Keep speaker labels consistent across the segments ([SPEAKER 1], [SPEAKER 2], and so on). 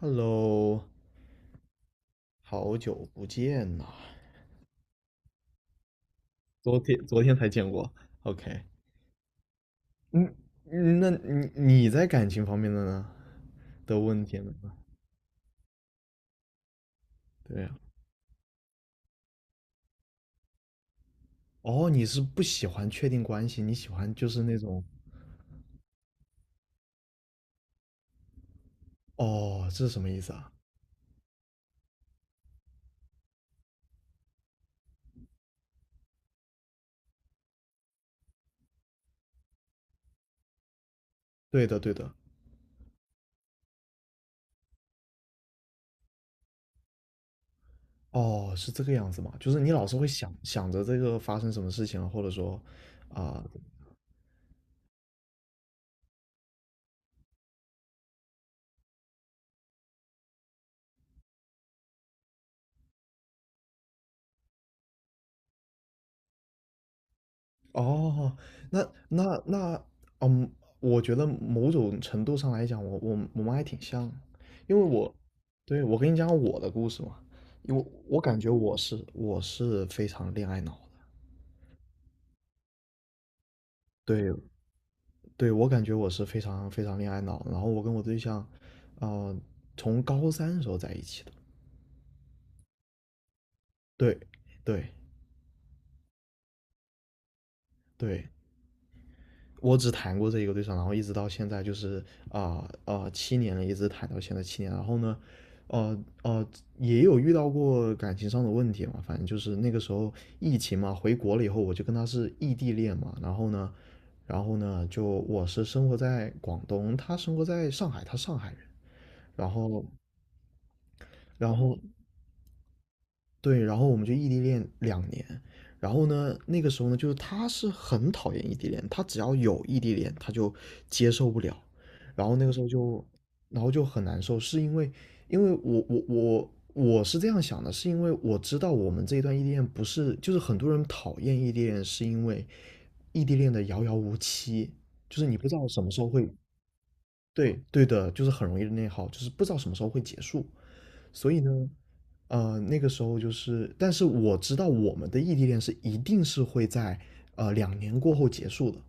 [SPEAKER 1] Hello，好久不见呐！昨天才见过。OK，嗯。那你在感情方面的问题呢？对呀。哦，你是不喜欢确定关系，你喜欢就是那种，哦，这是什么意思啊？对的，对的。哦，是这个样子吗？就是你老是会想着这个发生什么事情了，或者说啊、哦，那那那，嗯，我觉得某种程度上来讲，我们还挺像。因为我，对，我跟你讲我的故事嘛。因为我感觉我是非常恋爱脑的。对对，我感觉我是非常非常恋爱脑，然后我跟我对象，呃，从高三的时候在一起的。对对对，我只谈过这一个对象，然后一直到现在就是七年了，一直谈到现在七年。然后呢，呃呃，也有遇到过感情上的问题嘛。反正就是那个时候疫情嘛，回国了以后我就跟他是异地恋嘛。然后呢，就我是生活在广东，他生活在上海，他上海人。然后然后对，然后我们就异地恋两年。然后呢，那个时候呢，就是他是很讨厌异地恋，他只要有异地恋，他就接受不了。然后那个时候就，然后就很难受，是因为，因为我我是这样想的，是因为我知道我们这一段异地恋不是，就是很多人讨厌异地恋，是因为异地恋的遥遥无期，就是你不知道什么时候会，对对的，就是很容易内耗，就是不知道什么时候会结束。所以呢，那个时候就是，但是我知道我们的异地恋是一定是会在两年过后结束的。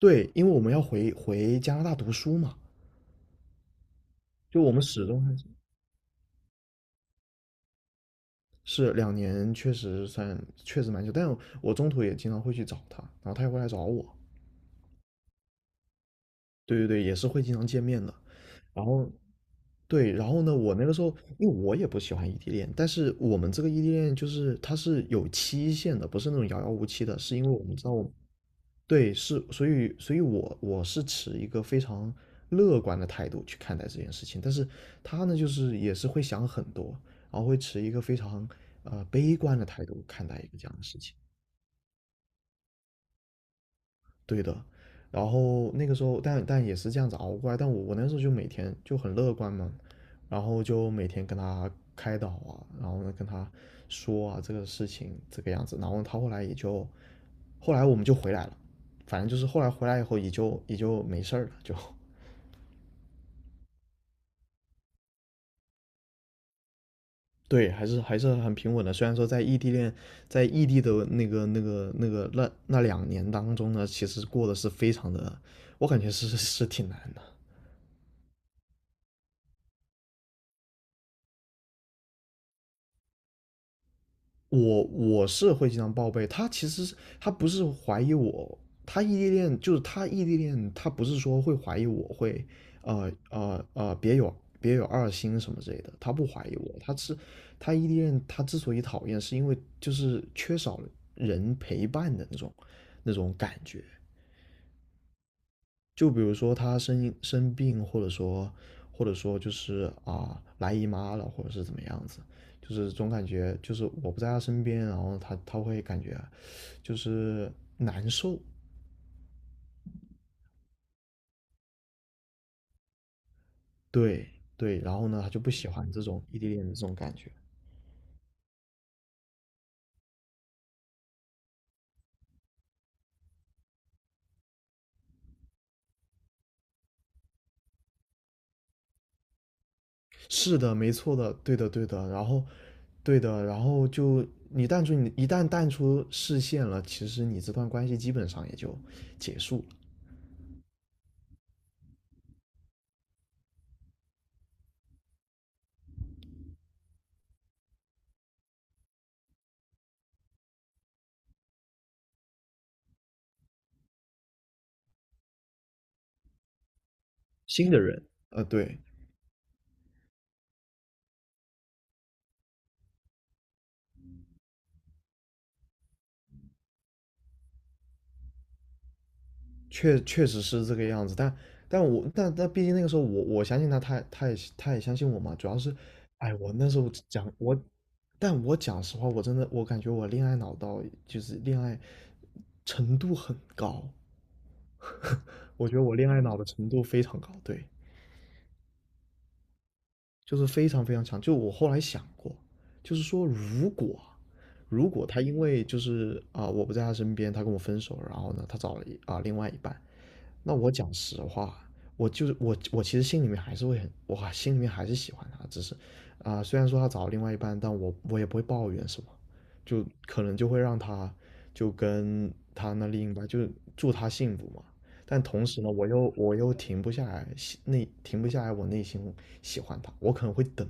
[SPEAKER 1] 对，因为我们要回加拿大读书嘛。就我们始终还是是两年，确实蛮久。但我中途也经常会去找他，然后他也会来找我。对对对，也是会经常见面的。然后对。然后呢，我那个时候因为我也不喜欢异地恋，但是我们这个异地恋就是它是有期限的，不是那种遥遥无期的，是因为我们知道我。对，是。所以我是持一个非常乐观的态度去看待这件事情，但是他呢，就是也是会想很多，然后会持一个非常悲观的态度看待一个这样的事情。对的。然后那个时候，但也是这样子熬过来。但我那时候就每天就很乐观嘛，然后就每天跟他开导啊，然后呢跟他说啊这个事情这个样子。然后他后来也就，后来我们就回来了。反正就是后来回来以后也就没事儿了，就对，还是很平稳的。虽然说在异地恋，在异地的那两年当中呢，其实过得是非常的，我感觉是挺难的。我是会经常报备。他其实他不是怀疑我，他异地恋就是他异地恋，他不是说会怀疑我会，呃呃呃，别有别有二心什么之类的。他不怀疑我，他异地恋。他之所以讨厌，是因为就是缺少人陪伴的那种感觉。就比如说他生病，或者说就是来姨妈了，或者是怎么样子。就是总感觉就是我不在他身边，然后他会感觉就是难受。对对，然后呢他就不喜欢这种异地恋的这种感觉。是的，没错的，对的，对的。然后，对的，然后就你一旦淡出视线了，其实你这段关系基本上也就结束了。新的人，对，确实是这个样子。但但我但但毕竟那个时候我相信他，他也相信我嘛。主要是，哎，我那时候讲我。但我讲实话，我真的我感觉我恋爱脑到就是恋爱程度很高，我觉得我恋爱脑的程度非常高。对，就是非常非常强。就我后来想过，就是说如果他因为就是我不在他身边，他跟我分手，然后呢他找了另外一半。那我讲实话，我就是我我其实心里面还是会很，我心里面还是喜欢他，只是虽然说他找了另外一半，但我也不会抱怨什么，就可能就会让他就跟他那另一半就祝他幸福嘛。但同时呢，我又停不下来，停不下来。我内心喜欢他，我可能会等。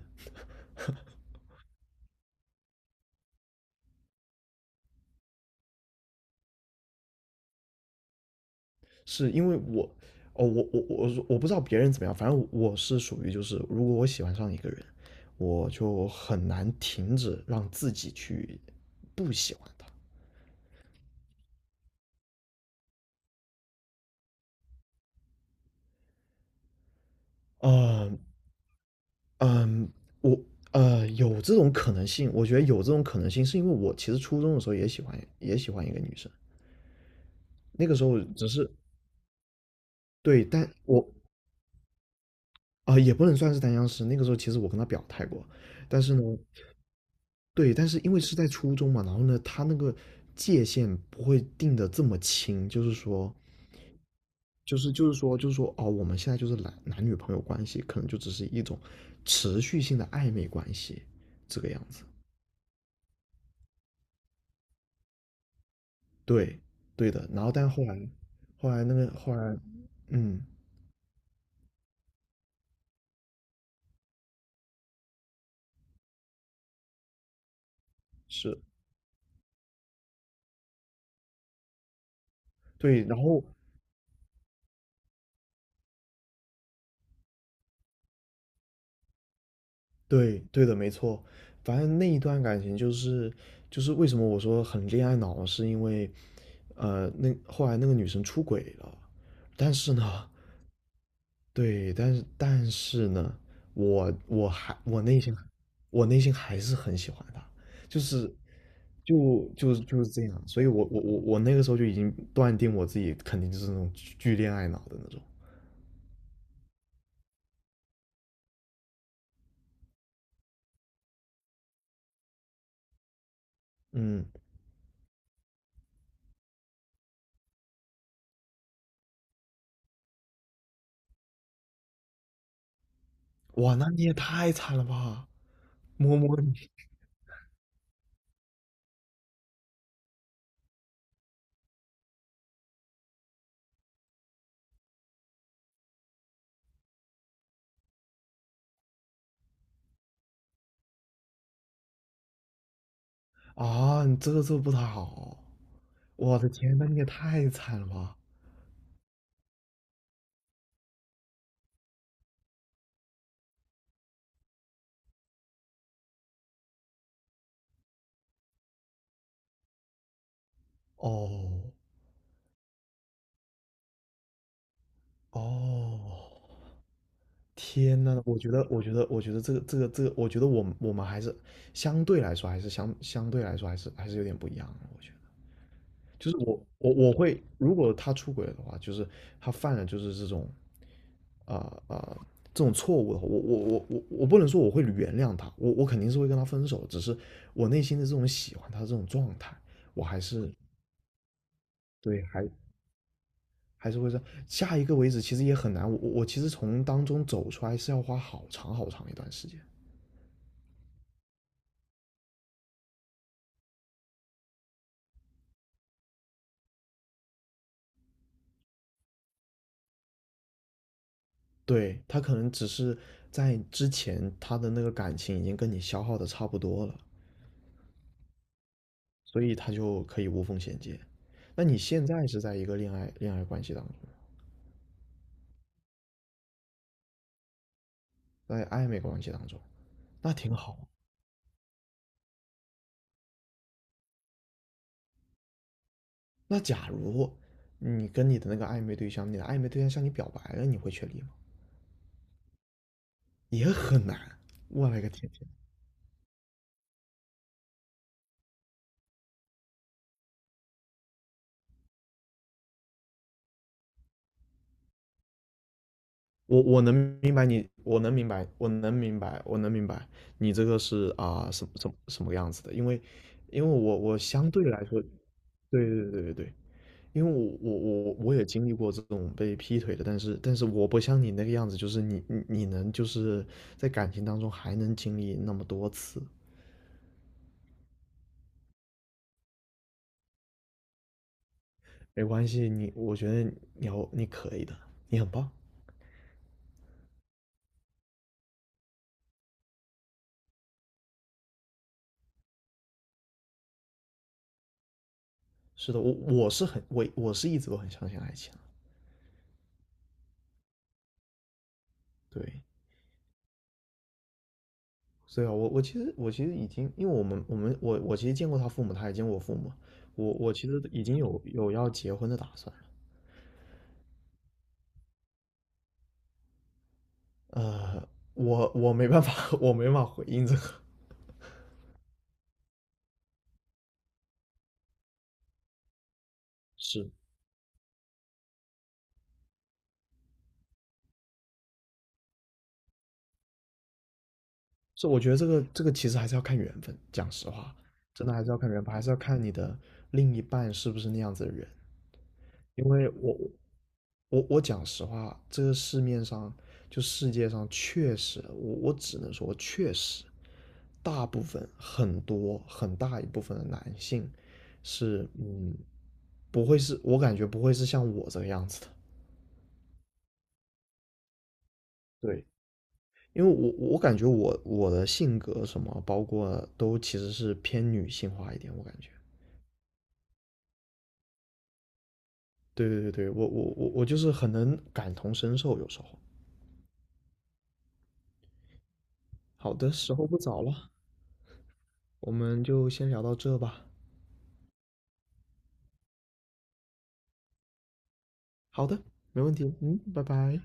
[SPEAKER 1] 是因为我，哦，我不知道别人怎么样。反正我是属于就是，如果我喜欢上一个人，我就很难停止让自己去不喜欢他。嗯嗯，我有这种可能性，我觉得有这种可能性，是因为我其实初中的时候也喜欢一个女生。那个时候只是对。但我也不能算是单相思。那个时候其实我跟他表态过，但是呢，对，但是因为是在初中嘛，然后呢，他那个界限不会定的这么清。就是说，就是说，就是说，哦，我们现在就是男男女朋友关系，可能就只是一种持续性的暧昧关系，这个样子。对，对的。然后但后来，后来那个后来，嗯，是对。然后对，对的，没错。反正那一段感情就是为什么我说很恋爱脑，是因为那后来那个女生出轨了。但是呢，对，但是但是呢，我内心还是很喜欢她。就是就就是这样。所以我那个时候就已经断定我自己肯定就是那种巨巨恋爱脑的那种。嗯，哇，那你也太惨了吧，摸摸你。啊，你这个做不太好。我的天，那你也太惨了吧！哦哦，天呐，我觉得这个，我觉得我们还是相对来说还是相相对来说还是有点不一样的，我觉得，就是我会，如果他出轨的话，就是他犯了就是这种，啊、啊、这种错误的话，我不能说我会原谅他，我肯定是会跟他分手。只是我内心的这种喜欢他这种状态，我还是对还是会说下一个为止，其实也很难。我其实从当中走出来是要花好长好长一段时间。对，他可能只是在之前他的那个感情已经跟你消耗的差不多了，所以他就可以无缝衔接。那你现在是在一个恋爱关系当中，在暧昧关系当中，那挺好。那假如你跟你的那个暧昧对象，你的暧昧对象向你表白了，你会确立吗？也很难。我勒个天！我能明白你，我能明白，我能明白，我能明白你这个是什么什么什么样子的？因为我相对来说，对对对对对，因为我也经历过这种被劈腿的，但是我不像你那个样子，就是你能就是在感情当中还能经历那么多次。没关系，我觉得你可以的，你很棒。是的，我是一直都很相信爱情的。对。所以啊，我其实已经。因为其实见过他父母，他也见过我父母，我其实已经有要结婚的打算了。呃，我没办法，我没办法回应这个。是。是，我觉得这个其实还是要看缘分，讲实话，真的还是要看缘分，还是要看你的另一半是不是那样子的人。因为我讲实话，这个市面上就世界上确实，我只能说确实，大部分很多很大一部分的男性是嗯，不会是我感觉不会是像我这个样子的。对，因为我感觉我的性格什么，包括都其实是偏女性化一点，我感觉。对对对对，我就是很能感同身受，有时候。好的，时候不早了，我们就先聊到这吧。好的，没问题。嗯，拜拜。